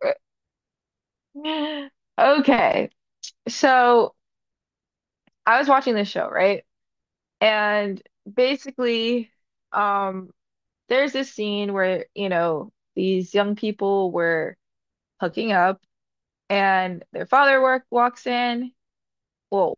Okay. So I was watching this show, right? And basically, um, there's this scene where, you know, these young people were hooking up and their father work walks in. Well,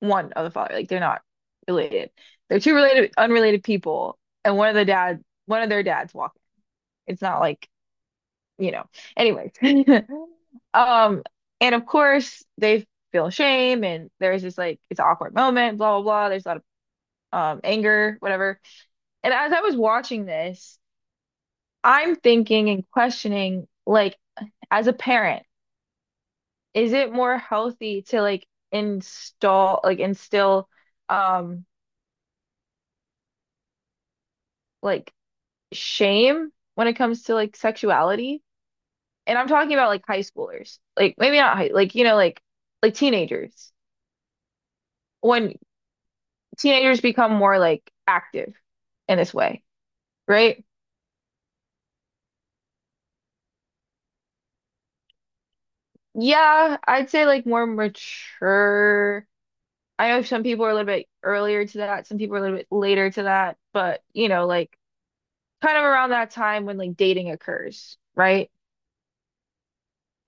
one of the father, like they're not related. They're two related, unrelated people, and one of the dad, one of their dads walk in. It's not like you know, anyways. Um, and of course they feel shame and there's this like it's an awkward moment, blah blah blah. There's a lot of anger, whatever. And as I was watching this, I'm thinking and questioning, like, as a parent, is it more healthy to like install like instill um like shame when it comes to like sexuality? And I'm talking about like high schoolers. Like maybe not high, like you know, like teenagers when teenagers become more like active in this way, right? Yeah, I'd say like more mature. I know some people are a little bit earlier to that, some people are a little bit later to that, but you know, like kind of around that time when like dating occurs, right?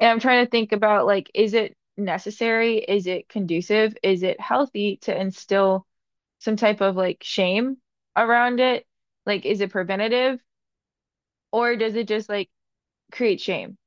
And I'm trying to think about like, is it necessary? Is it conducive? Is it healthy to instill some type of like shame around it? Like, is it preventative or does it just like create shame?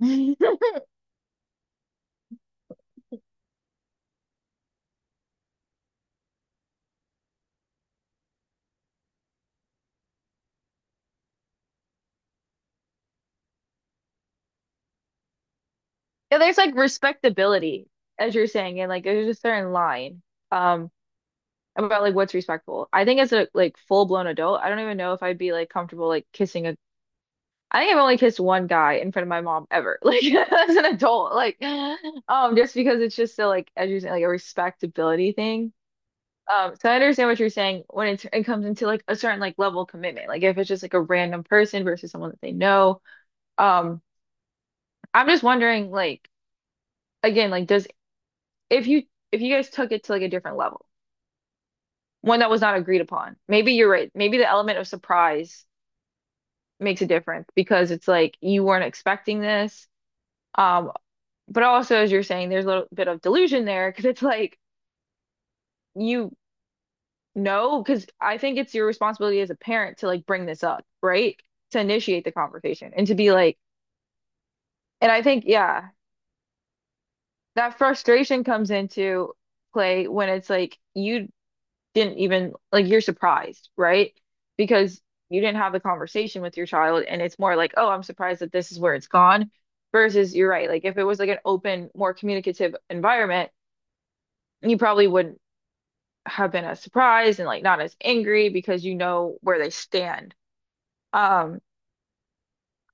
Yeah, there's like respectability, as you're saying, and like there's a certain line um about like what's respectful. I think as a like full blown adult, I don't even know if I'd be like comfortable like kissing a I think I've only kissed one guy in front of my mom ever, like as an adult, like just because it's just so like as you're saying, like a respectability thing. So I understand what you're saying when it comes into like a certain like level of commitment, like if it's just like a random person versus someone that they know. Um, I'm just wondering like again, like does if you if you guys took it to like a different level, one that was not agreed upon. Maybe you're right. Maybe the element of surprise makes a difference because it's like you weren't expecting this. Um, but also as you're saying, there's a little bit of delusion there because it's like you know, because I think it's your responsibility as a parent to like bring this up, right? To initiate the conversation and to be like, and I think, yeah, that frustration comes into play when it's like you didn't even like you're surprised, right? Because you didn't have the conversation with your child, and it's more like, oh, I'm surprised that this is where it's gone. Versus, you're right. Like if it was like an open, more communicative environment, you probably wouldn't have been as surprised and like not as angry because you know where they stand. Um,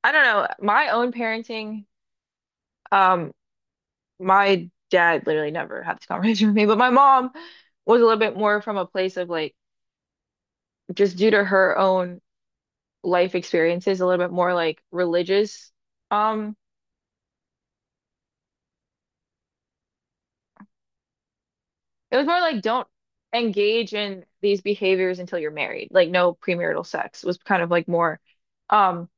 I don't know. My own parenting, um, my dad literally never had this conversation with me, but my mom was a little bit more from a place of like just due to her own life experiences, a little bit more like religious. Um, it was more like don't engage in these behaviors until you're married. Like no premarital sex was kind of like more um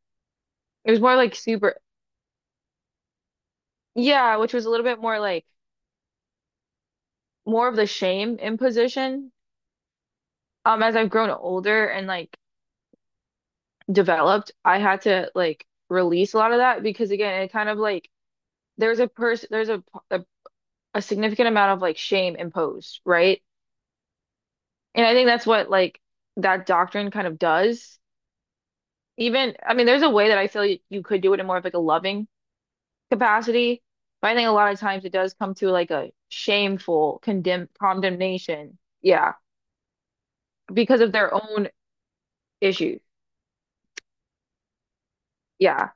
it was more like super yeah, which was a little bit more like more of the shame imposition. As I've grown older and like developed, I had to like release a lot of that because again, it kind of like there's a person there's a a significant amount of like shame imposed, right? And I think that's what like that doctrine kind of does. Even, I mean, there's a way that I feel you could do it in more of like a loving capacity, but I think a lot of times it does come to like a shameful condemn condemnation. Yeah, because of their own issues. Yeah.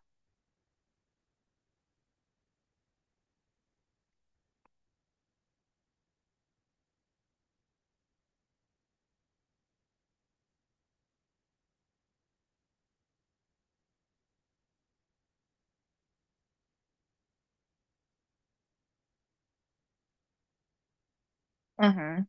Hmm.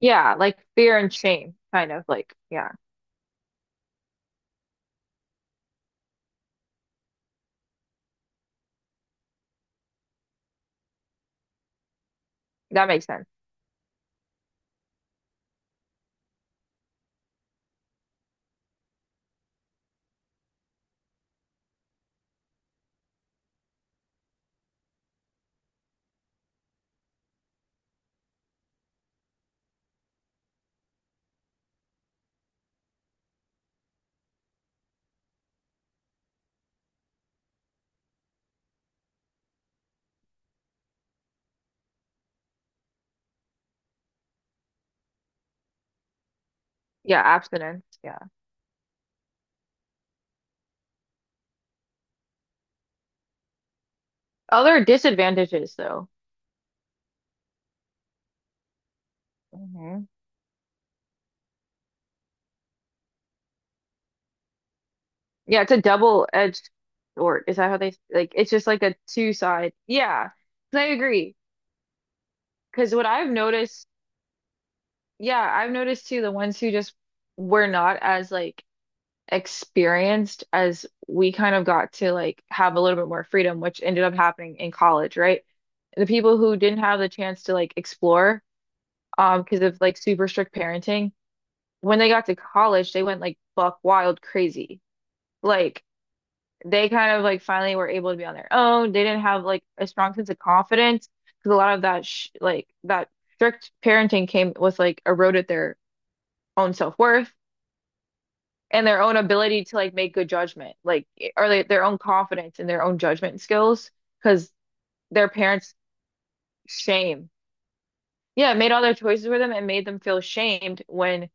Yeah, like fear and shame, kind of like, yeah, that makes sense. Yeah, abstinence. Yeah. Other disadvantages though. Hmm. Yeah, it's a double-edged sword. Is that how they like it's just like a two side. Yeah. 'Cause I agree. Cause what I've noticed, yeah, I've noticed too, the ones who just were not as like experienced as we kind of got to like have a little bit more freedom, which ended up happening in college, right? The people who didn't have the chance to like explore, because of like super strict parenting, when they got to college, they went like buck wild crazy. Like they kind of like finally were able to be on their own. They didn't have like a strong sense of confidence because a lot of that sh like that strict parenting came with like eroded their own self-worth and their own ability to like make good judgment, like eh, or like, their own confidence and their own judgment skills because their parents shame. Yeah, it made all their choices for them and made them feel shamed when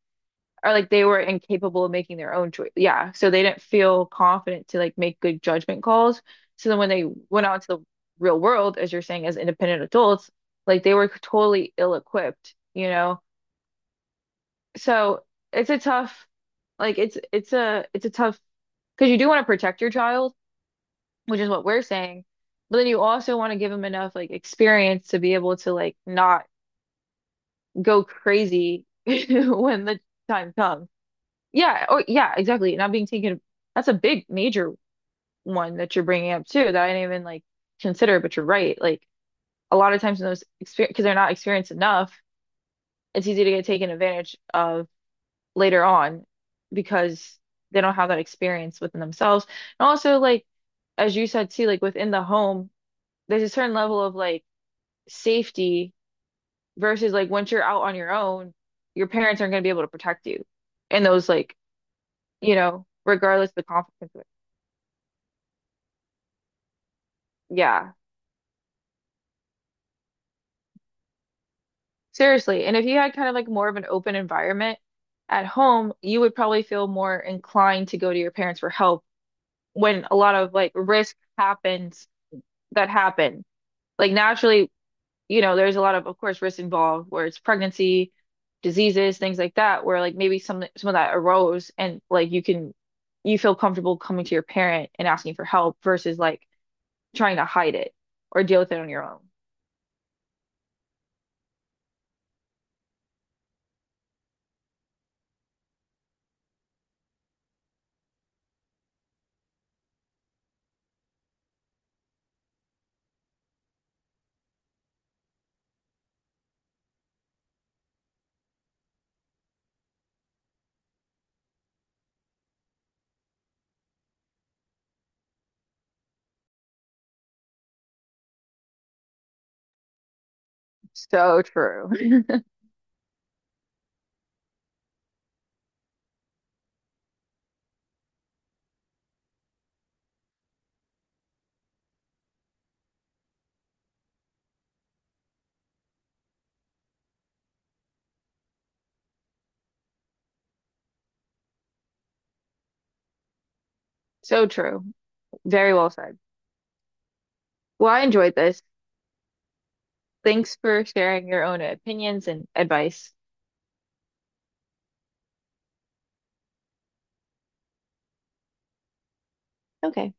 or like they were incapable of making their own choice. Yeah, so they didn't feel confident to like make good judgment calls. So then when they went out to the real world, as you're saying, as independent adults, like they were totally ill-equipped, you know? So it's a tough, like it's a it's a tough because you do want to protect your child, which is what we're saying, but then you also want to give them enough like experience to be able to like not go crazy when the time comes. Yeah, or yeah, exactly. Not being taken. That's a big major one that you're bringing up too that I didn't even like consider, but you're right. Like a lot of times in those experience because they're not experienced enough, it's easy to get taken advantage of later on because they don't have that experience within themselves. And also like as you said too, like within the home, there's a certain level of like safety versus like once you're out on your own, your parents aren't going to be able to protect you in those like, you know, regardless of the consequences. Yeah. Seriously. And if you had kind of like more of an open environment at home, you would probably feel more inclined to go to your parents for help when a lot of like risk happens that happen. Like naturally, you know, there's a lot of course, risk involved where it's pregnancy, diseases, things like that, where like maybe some of that arose and like you can you feel comfortable coming to your parent and asking for help versus like trying to hide it or deal with it on your own. So true. So true. Very well said. Well, I enjoyed this. Thanks for sharing your own opinions and advice. Okay.